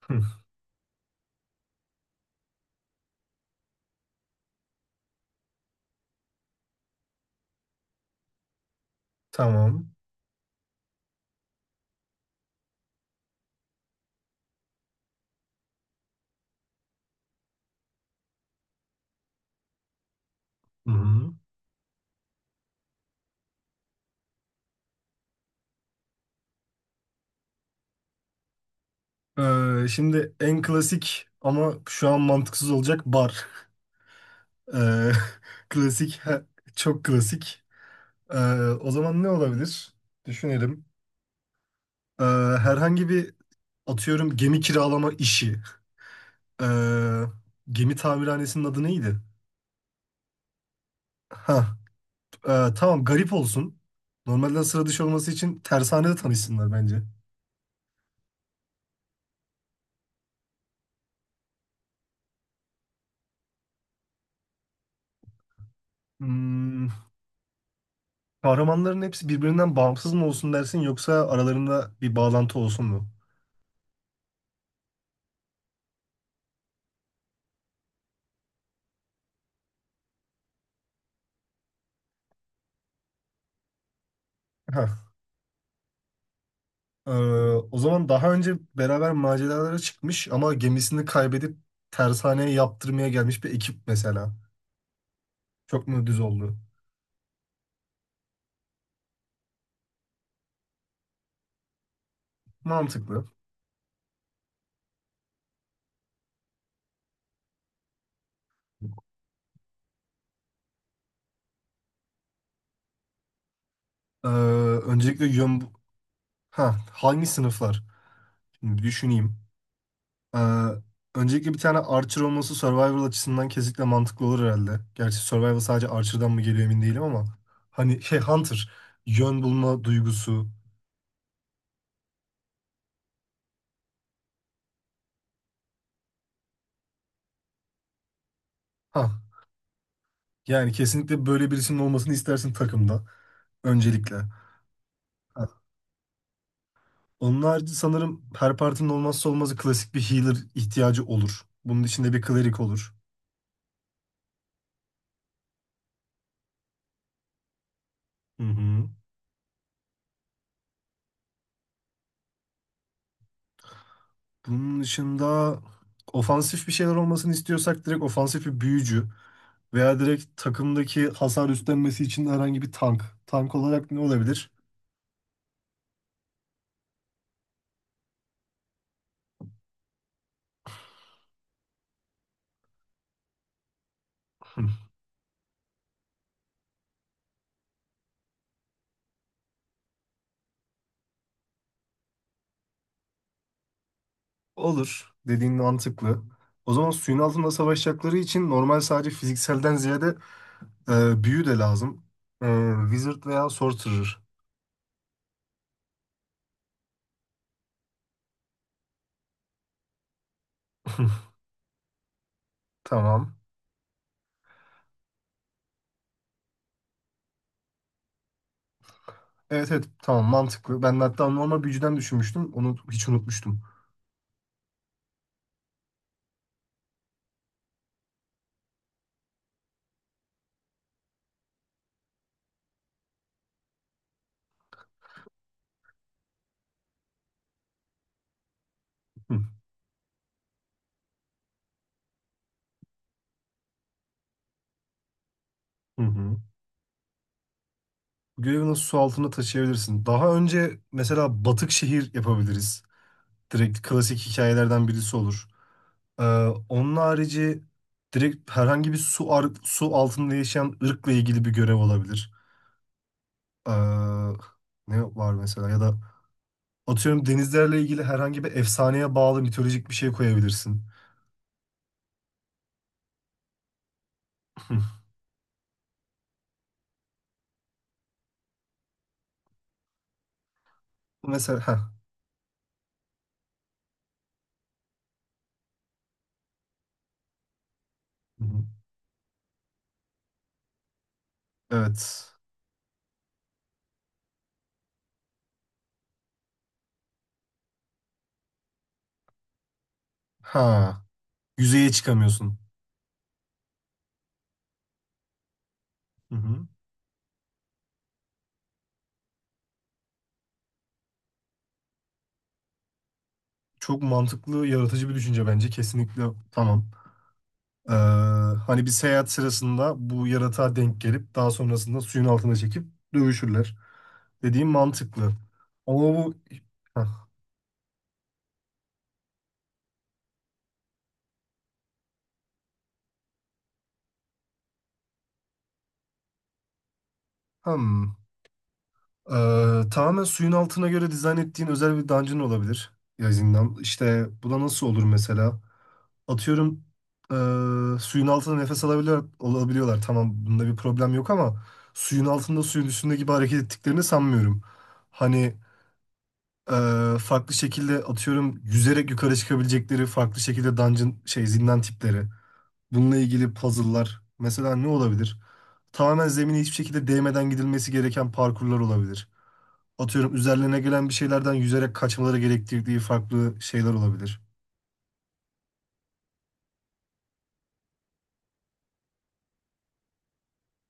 Hı, tamam. Hı hı. Şimdi en klasik ama şu an mantıksız olacak bar. Ee, Klasik, çok klasik. Ee, o zaman ne olabilir? Düşünelim. Ee, herhangi bir atıyorum gemi kiralama işi. Ee, gemi tamirhanesinin adı neydi? Ha, tamam garip olsun. Normalden sıra dışı olması için tersanede tanışsınlar bence. Hmm, kahramanların hepsi birbirinden bağımsız mı olsun dersin yoksa aralarında bir bağlantı olsun mu? Heh. Ee, o zaman daha önce beraber maceralara çıkmış ama gemisini kaybedip tersaneye yaptırmaya gelmiş bir ekip mesela. Çok mu düz oldu? Mantıklı. Ee, öncelikle yön... Ha, hangi sınıflar? Şimdi bir düşüneyim. Ee, öncelikle bir tane Archer olması Survivor açısından kesinlikle mantıklı olur herhalde. Gerçi Survivor sadece Archer'dan mı geliyor emin değilim ama. Hani şey Hunter, yön bulma duygusu. Ha, yani kesinlikle böyle birisinin olmasını istersin takımda. Öncelikle. Onun harici sanırım her partinin olmazsa olmazı klasik bir healer ihtiyacı olur. Bunun içinde bir cleric olur. Hı hı. Bunun dışında ofansif bir şeyler olmasını istiyorsak direkt ofansif bir büyücü veya direkt takımdaki hasar üstlenmesi için herhangi bir tank. Tank olarak ne olabilir? Hı. Olur. Dediğin mantıklı. O zaman suyun altında savaşacakları için normal sadece fizikselden ziyade büyü de lazım. Wizard veya Sorcerer. Tamam. Evet, evet, tamam, mantıklı. Ben de hatta normal büyücüden düşünmüştüm. Onu hiç unutmuştum. Hı hı. Hı. Görevi nasıl su altında taşıyabilirsin? Daha önce mesela batık şehir yapabiliriz. Direkt klasik hikayelerden birisi olur. Ee, onun harici direkt herhangi bir su altında yaşayan ırkla ilgili bir görev olabilir. Ee, ne var mesela, ya da atıyorum denizlerle ilgili herhangi bir efsaneye bağlı mitolojik bir şey koyabilirsin. Hı. Mesela heh. Hı hı. Evet. Ha. Yüzeye çıkamıyorsun. Hı hı. Çok mantıklı, yaratıcı bir düşünce bence. Kesinlikle, tamam. Ee, hani bir seyahat sırasında bu yaratığa denk gelip daha sonrasında suyun altına çekip dövüşürler. Dediğim mantıklı. Ama bu... Hah. Hmm. Tamamen suyun altına göre dizayn ettiğin özel bir dungeon olabilir. Ya, zindan. İşte bu da nasıl olur mesela? Atıyorum suyun altında nefes alabiliyor, olabiliyorlar. Tamam, bunda bir problem yok ama suyun altında suyun üstünde gibi hareket ettiklerini sanmıyorum. Hani farklı şekilde atıyorum yüzerek yukarı çıkabilecekleri farklı şekilde dungeon şey zindan tipleri. Bununla ilgili puzzle'lar mesela ne olabilir? Tamamen zemine hiçbir şekilde değmeden gidilmesi gereken parkurlar olabilir, atıyorum üzerlerine gelen bir şeylerden yüzerek kaçmaları gerektirdiği farklı şeyler olabilir.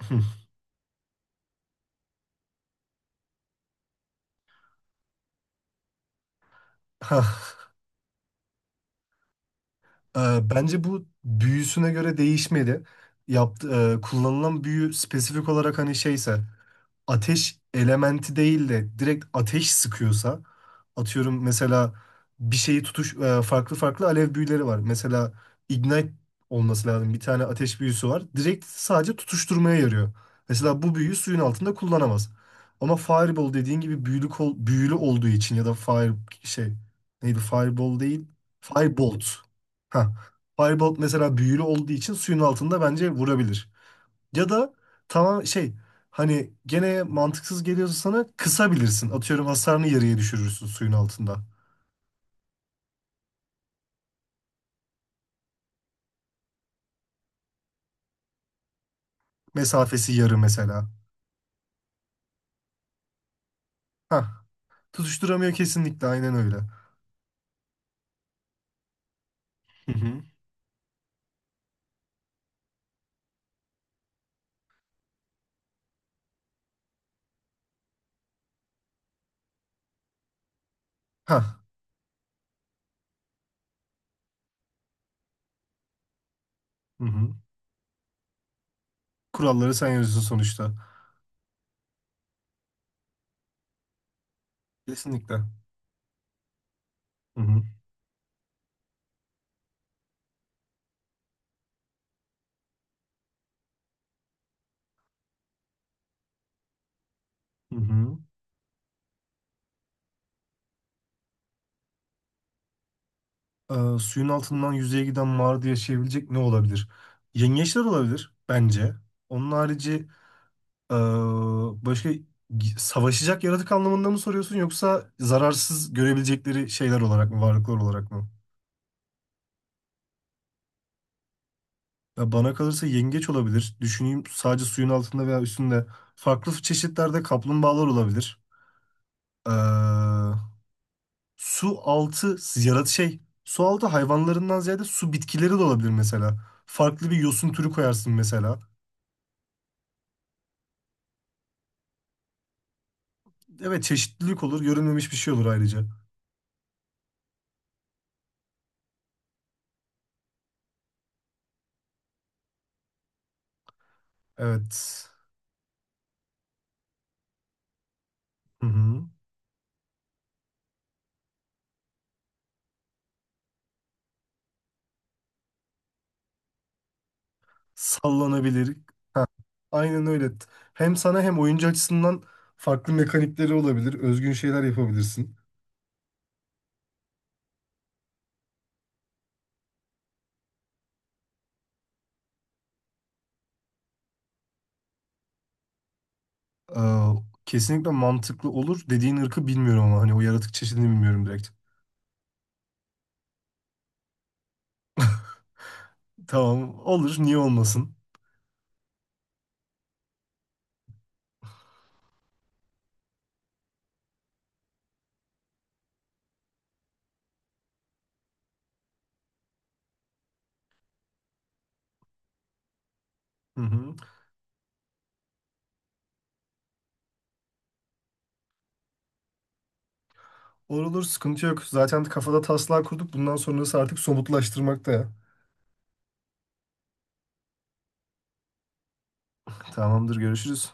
Hah. E, Bence bu büyüsüne göre değişmeli. Yaptı, kullanılan büyü spesifik olarak hani şeyse, ateş elementi değil de direkt ateş sıkıyorsa, atıyorum mesela bir şeyi farklı farklı alev büyüleri var. Mesela ignite olması lazım. Bir tane ateş büyüsü var. Direkt sadece tutuşturmaya yarıyor. Mesela bu büyüyü suyun altında kullanamaz. Ama fireball dediğin gibi büyülü, büyülü olduğu için ya da fire, şey, neydi, fireball değil, firebolt. Ha. Firebolt mesela büyülü olduğu için suyun altında bence vurabilir. Ya da, tamam, şey, hani gene mantıksız geliyorsa sana kısabilirsin. Atıyorum hasarını yarıya düşürürsün suyun altında. Mesafesi yarı mesela. Hah. Tutuşturamıyor, kesinlikle, aynen öyle. Hı hı. Hah. Hı hı. Kuralları sen yazıyorsun sonuçta. Kesinlikle. Hı hı. Hı hı. Suyun altından yüzeye giden mağarada yaşayabilecek ne olabilir? Yengeçler olabilir bence. Onun harici Ee, başka savaşacak yaratık anlamında mı soruyorsun, yoksa zararsız görebilecekleri şeyler olarak mı, varlıklar olarak mı? Ya bana kalırsa yengeç olabilir. Düşüneyim, sadece suyun altında veya üstünde. Farklı çeşitlerde kaplumbağalar olabilir. Ee, su altı yarat şey. Su altı hayvanlarından ziyade su bitkileri de olabilir mesela. Farklı bir yosun türü koyarsın mesela. Evet, çeşitlilik olur. Görünmemiş bir şey olur ayrıca. Evet. Hı hı. Sallanabilir. Aynen öyle. Hem sana hem oyuncu açısından farklı mekanikleri olabilir. Özgün şeyler yapabilirsin. Ee, kesinlikle mantıklı olur. Dediğin ırkı bilmiyorum ama hani o yaratık çeşidini bilmiyorum direkt. Tamam, olur, niye olmasın. Hı hı. Olur olur, sıkıntı yok. Zaten kafada taslağı kurduk. Bundan sonrası artık somutlaştırmakta ya. Tamamdır, görüşürüz.